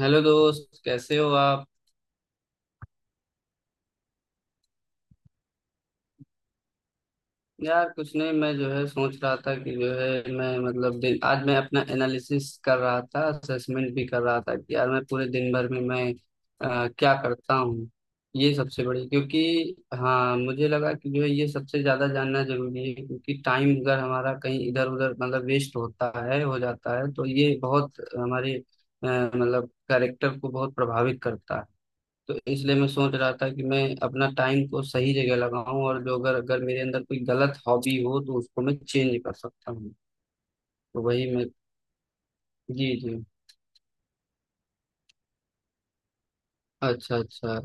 Hello दोस्त, कैसे हो आप। यार कुछ नहीं, मैं जो है सोच रहा था कि जो है मैं मतलब दिन आज मैं अपना एनालिसिस कर रहा था, असेसमेंट भी कर रहा था कि यार मैं पूरे दिन भर में मैं क्या करता हूँ। ये सबसे बड़ी क्योंकि हाँ, मुझे लगा कि जो है ये सबसे ज़्यादा जानना जरूरी है, क्योंकि टाइम अगर हमारा कहीं इधर उधर मतलब वेस्ट होता है, हो जाता है, तो ये बहुत हमारे मतलब कैरेक्टर को बहुत प्रभावित करता है। तो इसलिए मैं सोच रहा था कि मैं अपना टाइम को सही जगह लगाऊं, और जो अगर अगर मेरे अंदर कोई गलत हॉबी हो तो उसको मैं चेंज कर सकता हूँ। तो वही मैं, जी जी। अच्छा अच्छा।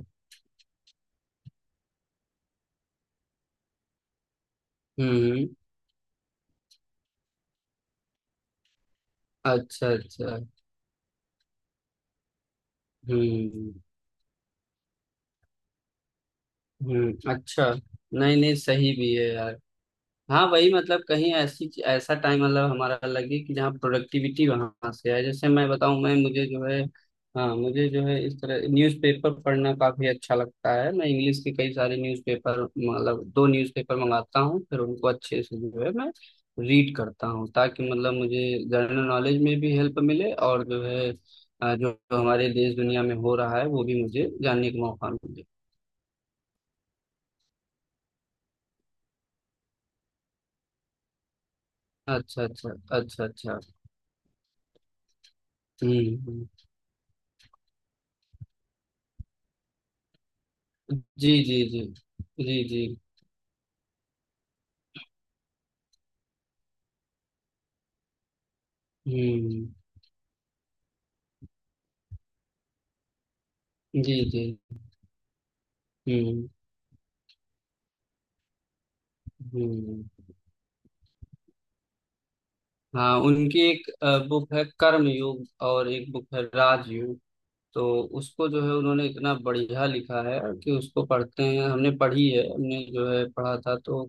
हम्म अच्छा अच्छा। हम्म अच्छा। नहीं नहीं, सही भी है यार। हाँ, वही मतलब कहीं ऐसी ऐसा टाइम मतलब हमारा लगे कि जहाँ प्रोडक्टिविटी वहां से आए। जैसे मैं बताऊँ, मैं मुझे जो है हाँ मुझे जो है इस तरह न्यूज़पेपर पढ़ना काफी अच्छा लगता है। मैं इंग्लिश के कई सारे न्यूज़पेपर मतलब दो न्यूज़पेपर मंगाता हूँ, फिर उनको अच्छे से जो है मैं रीड करता हूँ, ताकि मतलब मुझे जनरल नॉलेज में भी हेल्प मिले, और जो है जो जो हमारे देश दुनिया में हो रहा है वो भी मुझे जानने का मौका मिले। अच्छा अच्छा। अच्छा अच्छा। हम्म हम्म। जी जी। जी जी जी। हम्म। जी जी। हम्म हम्म। हाँ, उनकी एक बुक है कर्म योग, और एक बुक है राजयोग। तो उसको जो है उन्होंने इतना बढ़िया लिखा है कि उसको पढ़ते हैं, हमने पढ़ी है, हमने जो है पढ़ा था। तो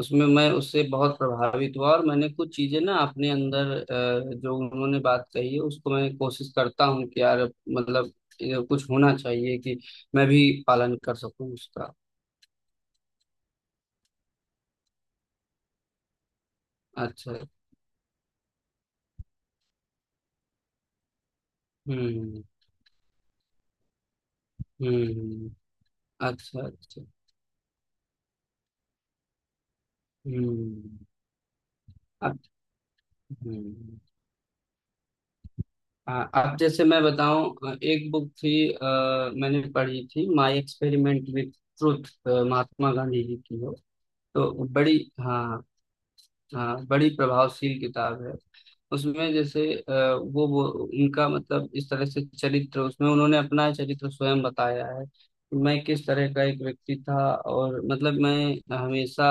उसमें मैं उससे बहुत प्रभावित हुआ, और मैंने कुछ चीजें ना अपने अंदर जो उन्होंने बात कही है, उसको मैं कोशिश करता हूँ कि यार मतलब कुछ होना चाहिए कि मैं भी पालन कर सकूँ उसका। अच्छा। हम्म हम्म। अच्छा अच्छा। हम्म। अब। हम्म। अब जैसे मैं बताऊं, एक बुक थी मैंने पढ़ी थी, my experiment with truth, Mahatma Gandhi ji की हो। तो बड़ी हाँ, हाँ, बड़ी प्रभावशील किताब है। उसमें जैसे वो उनका मतलब इस तरह से चरित्र, उसमें उन्होंने अपना चरित्र स्वयं बताया है, कि मैं किस तरह का एक व्यक्ति था, और मतलब मैं हमेशा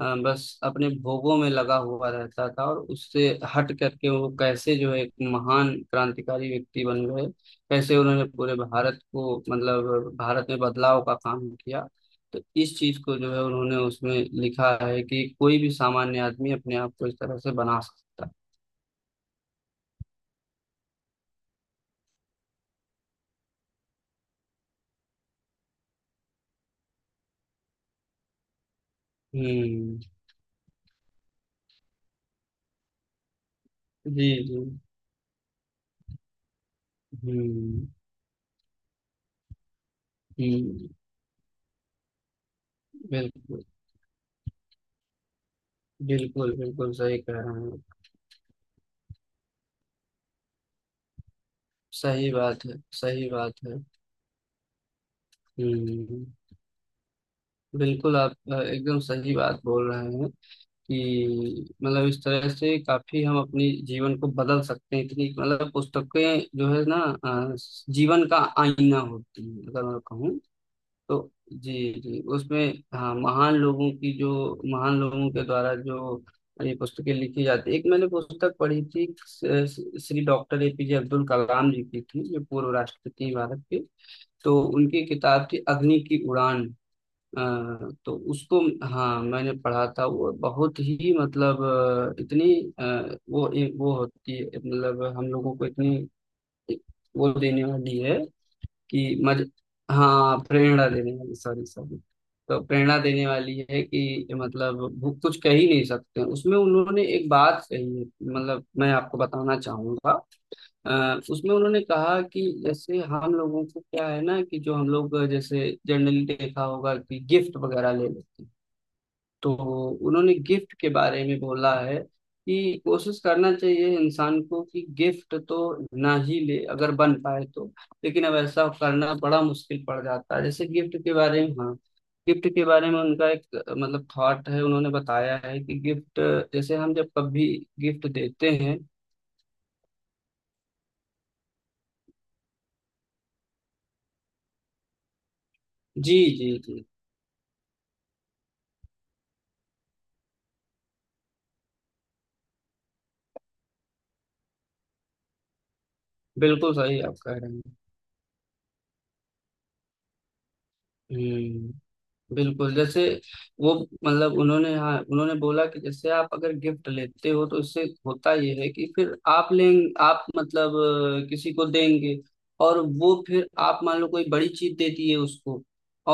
बस अपने भोगों में लगा हुआ रहता था, और उससे हट करके वो कैसे जो है एक महान क्रांतिकारी व्यक्ति बन गए, कैसे उन्होंने पूरे भारत को मतलब भारत में बदलाव का काम किया। तो इस चीज को जो है उन्होंने उसमें लिखा है, कि कोई भी सामान्य आदमी अपने आप को इस तरह से बना सकता है। हम्म। जी जी। हम्म हम्म। बिल्कुल बिल्कुल, बिल्कुल सही कह रहे हैं। सही बात है, सही बात है। हम्म। बिल्कुल, आप एकदम सही बात बोल रहे हैं, कि मतलब इस तरह से काफी हम अपने जीवन को बदल सकते हैं। इतनी मतलब पुस्तकें जो है ना अ, जीवन का आईना होती है, अगर मैं कहूँ तो। जी जी उसमें, हाँ, महान लोगों की जो, महान लोगों के द्वारा जो ये पुस्तकें लिखी जाती। एक मैंने पुस्तक पढ़ी थी, श्री डॉक्टर एपीजे अब्दुल कलाम जी की थी, जो पूर्व राष्ट्रपति हैं भारत के। तो उनकी किताब थी अग्नि की उड़ान। अ, तो उसको हाँ मैंने पढ़ा था। वो बहुत ही मतलब इतनी वो होती है मतलब, हम लोगों को इतनी वो देने वाली है कि मज, हाँ प्रेरणा देने वाली, सॉरी सॉरी। तो प्रेरणा देने वाली है कि मतलब वो कुछ कह ही नहीं सकते। उसमें उन्होंने एक बात कही है, मतलब मैं आपको बताना चाहूंगा। उसमें उन्होंने कहा कि जैसे हम लोगों को क्या है ना, कि जो हम लोग जैसे जनरली देखा होगा, कि गिफ्ट वगैरह ले लेते हैं। तो उन्होंने गिफ्ट के बारे में बोला है, कि कोशिश करना चाहिए इंसान को कि गिफ्ट तो ना ही ले अगर बन पाए तो। लेकिन अब ऐसा करना बड़ा मुश्किल पड़ जाता है। जैसे गिफ्ट के बारे में हाँ, गिफ्ट के बारे में उनका एक मतलब थॉट है, उन्होंने बताया है कि गिफ्ट जैसे हम जब कभी गिफ्ट देते हैं। जी जी जी। बिल्कुल सही आप कह रहे हैं। हम्म। बिल्कुल, जैसे वो मतलब उन्होंने हाँ उन्होंने बोला, कि जैसे आप अगर गिफ्ट लेते हो, तो इससे होता ये है कि फिर आप लें, आप मतलब किसी को देंगे, और वो फिर आप मान लो कोई बड़ी चीज देती है उसको,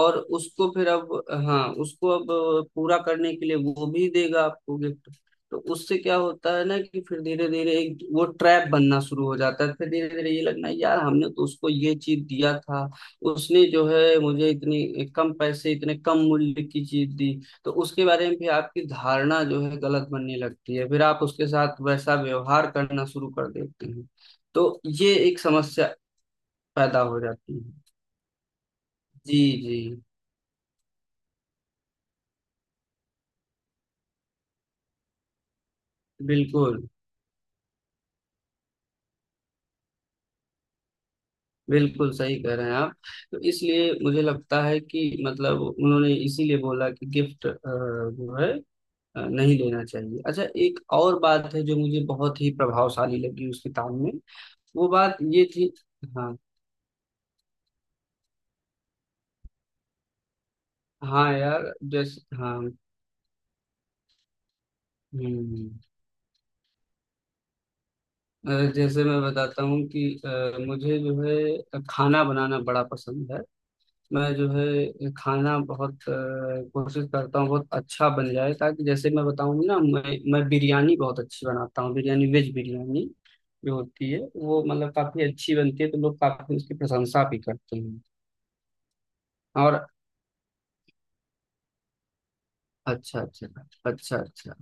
और उसको फिर अब हाँ उसको अब पूरा करने के लिए वो भी देगा आपको गिफ्ट। तो उससे क्या होता है ना कि फिर धीरे धीरे एक वो ट्रैप बनना शुरू हो जाता है। फिर धीरे धीरे ये लगना, यार हमने तो उसको ये चीज दिया था, उसने जो है मुझे इतनी कम पैसे, इतने कम मूल्य की चीज दी। तो उसके बारे में भी आपकी धारणा जो है गलत बनने लगती है, फिर आप उसके साथ वैसा व्यवहार करना शुरू कर देते हैं। तो ये एक समस्या पैदा हो जाती है। जी जी, बिल्कुल बिल्कुल, सही कह रहे हैं आप। तो इसलिए मुझे लगता है कि मतलब उन्होंने इसीलिए बोला कि गिफ्ट जो है नहीं लेना चाहिए। अच्छा, एक और बात है जो मुझे बहुत ही प्रभावशाली लगी उस किताब में, वो बात ये थी। हाँ। हाँ यार, जैसे हाँ। हम्म। जैसे मैं बताता हूँ कि मुझे जो है खाना बनाना बड़ा पसंद है। मैं जो है खाना बहुत कोशिश करता हूँ बहुत अच्छा बन जाए। ताकि जैसे मैं बताऊँ ना, मैं बिरयानी बहुत अच्छी बनाता हूँ, बिरयानी वेज बिरयानी जो होती है वो मतलब काफी अच्छी बनती है, तो लोग काफी उसकी प्रशंसा भी करते हैं। और अच्छा अच्छा अच्छा, अच्छा अच्छा।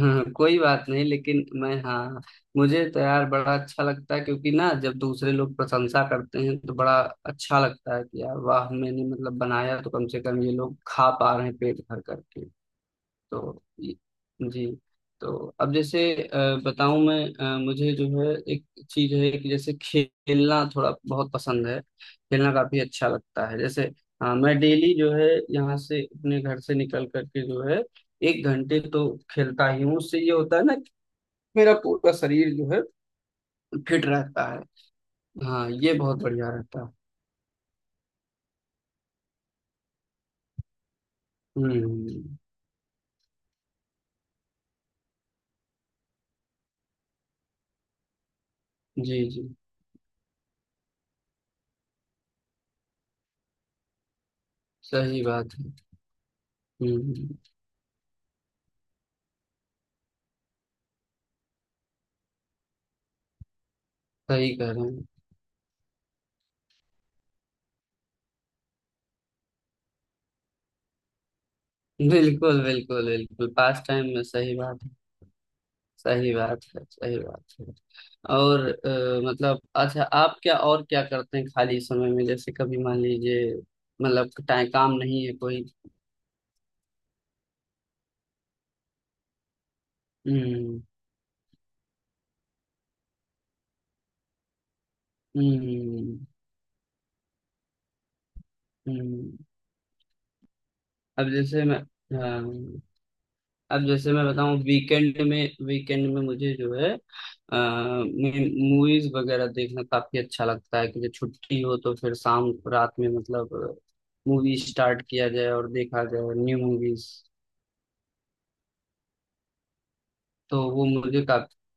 हाँ कोई बात नहीं, लेकिन मैं हाँ, मुझे तो यार बड़ा अच्छा लगता है, क्योंकि ना जब दूसरे लोग प्रशंसा करते हैं तो बड़ा अच्छा लगता है, कि यार वाह, मैंने मतलब बनाया तो कम से कम ये लोग खा पा रहे हैं पेट भर करके। तो ये- जी। तो अब जैसे बताऊं मैं, मुझे जो है एक चीज है कि जैसे खेलना थोड़ा बहुत पसंद है, खेलना काफी अच्छा लगता है। जैसे मैं डेली जो है यहाँ से अपने घर से निकल करके जो है एक घंटे तो खेलता ही हूँ। उससे ये होता है ना कि मेरा पूरा शरीर जो है फिट रहता है। हाँ ये बहुत बढ़िया रहता है। हम्म। जी जी। सही बात है। हम्म। सही कह रहे हैं। बिल्कुल बिल्कुल बिल्कुल, पास टाइम में, सही बात, सही बात है, सही बात है। और मतलब अच्छा, आप क्या और क्या करते हैं खाली समय में, जैसे कभी मान लीजिए मतलब टाइम काम नहीं है कोई। हम्म हम्म। हम्म। अब जैसे मैं हाँ, अब जैसे मैं बताऊं, वीकेंड में, वीकेंड में मुझे जो है मूवीज वगैरह देखना काफी अच्छा लगता है, कि जब छुट्टी हो तो फिर शाम रात में मतलब मूवी स्टार्ट किया जाए और देखा जाए न्यू मूवीज। तो वो मुझे काफी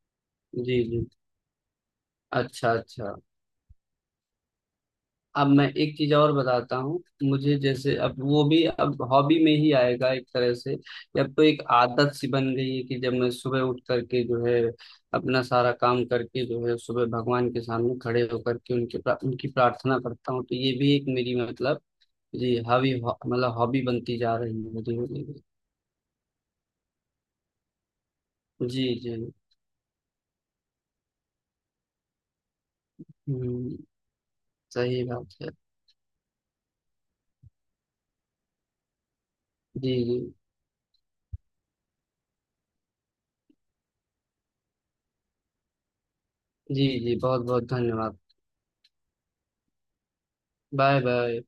जी जी, अच्छा अच्छा। अब मैं एक चीज और बताता हूँ, मुझे जैसे अब वो भी अब हॉबी में ही आएगा एक तरह से। अब तो एक आदत सी बन गई है कि जब मैं सुबह उठ करके जो है अपना सारा काम करके जो है सुबह भगवान के सामने खड़े होकर के उनके उनकी प्रार्थना करता हूँ, तो ये भी एक मेरी मतलब जी हॉबी, मतलब हॉबी बनती जा रही है धीरे धीरे। जी जी। हम्म। सही बात है। जी जी। जी जी, बहुत बहुत धन्यवाद। Bye bye.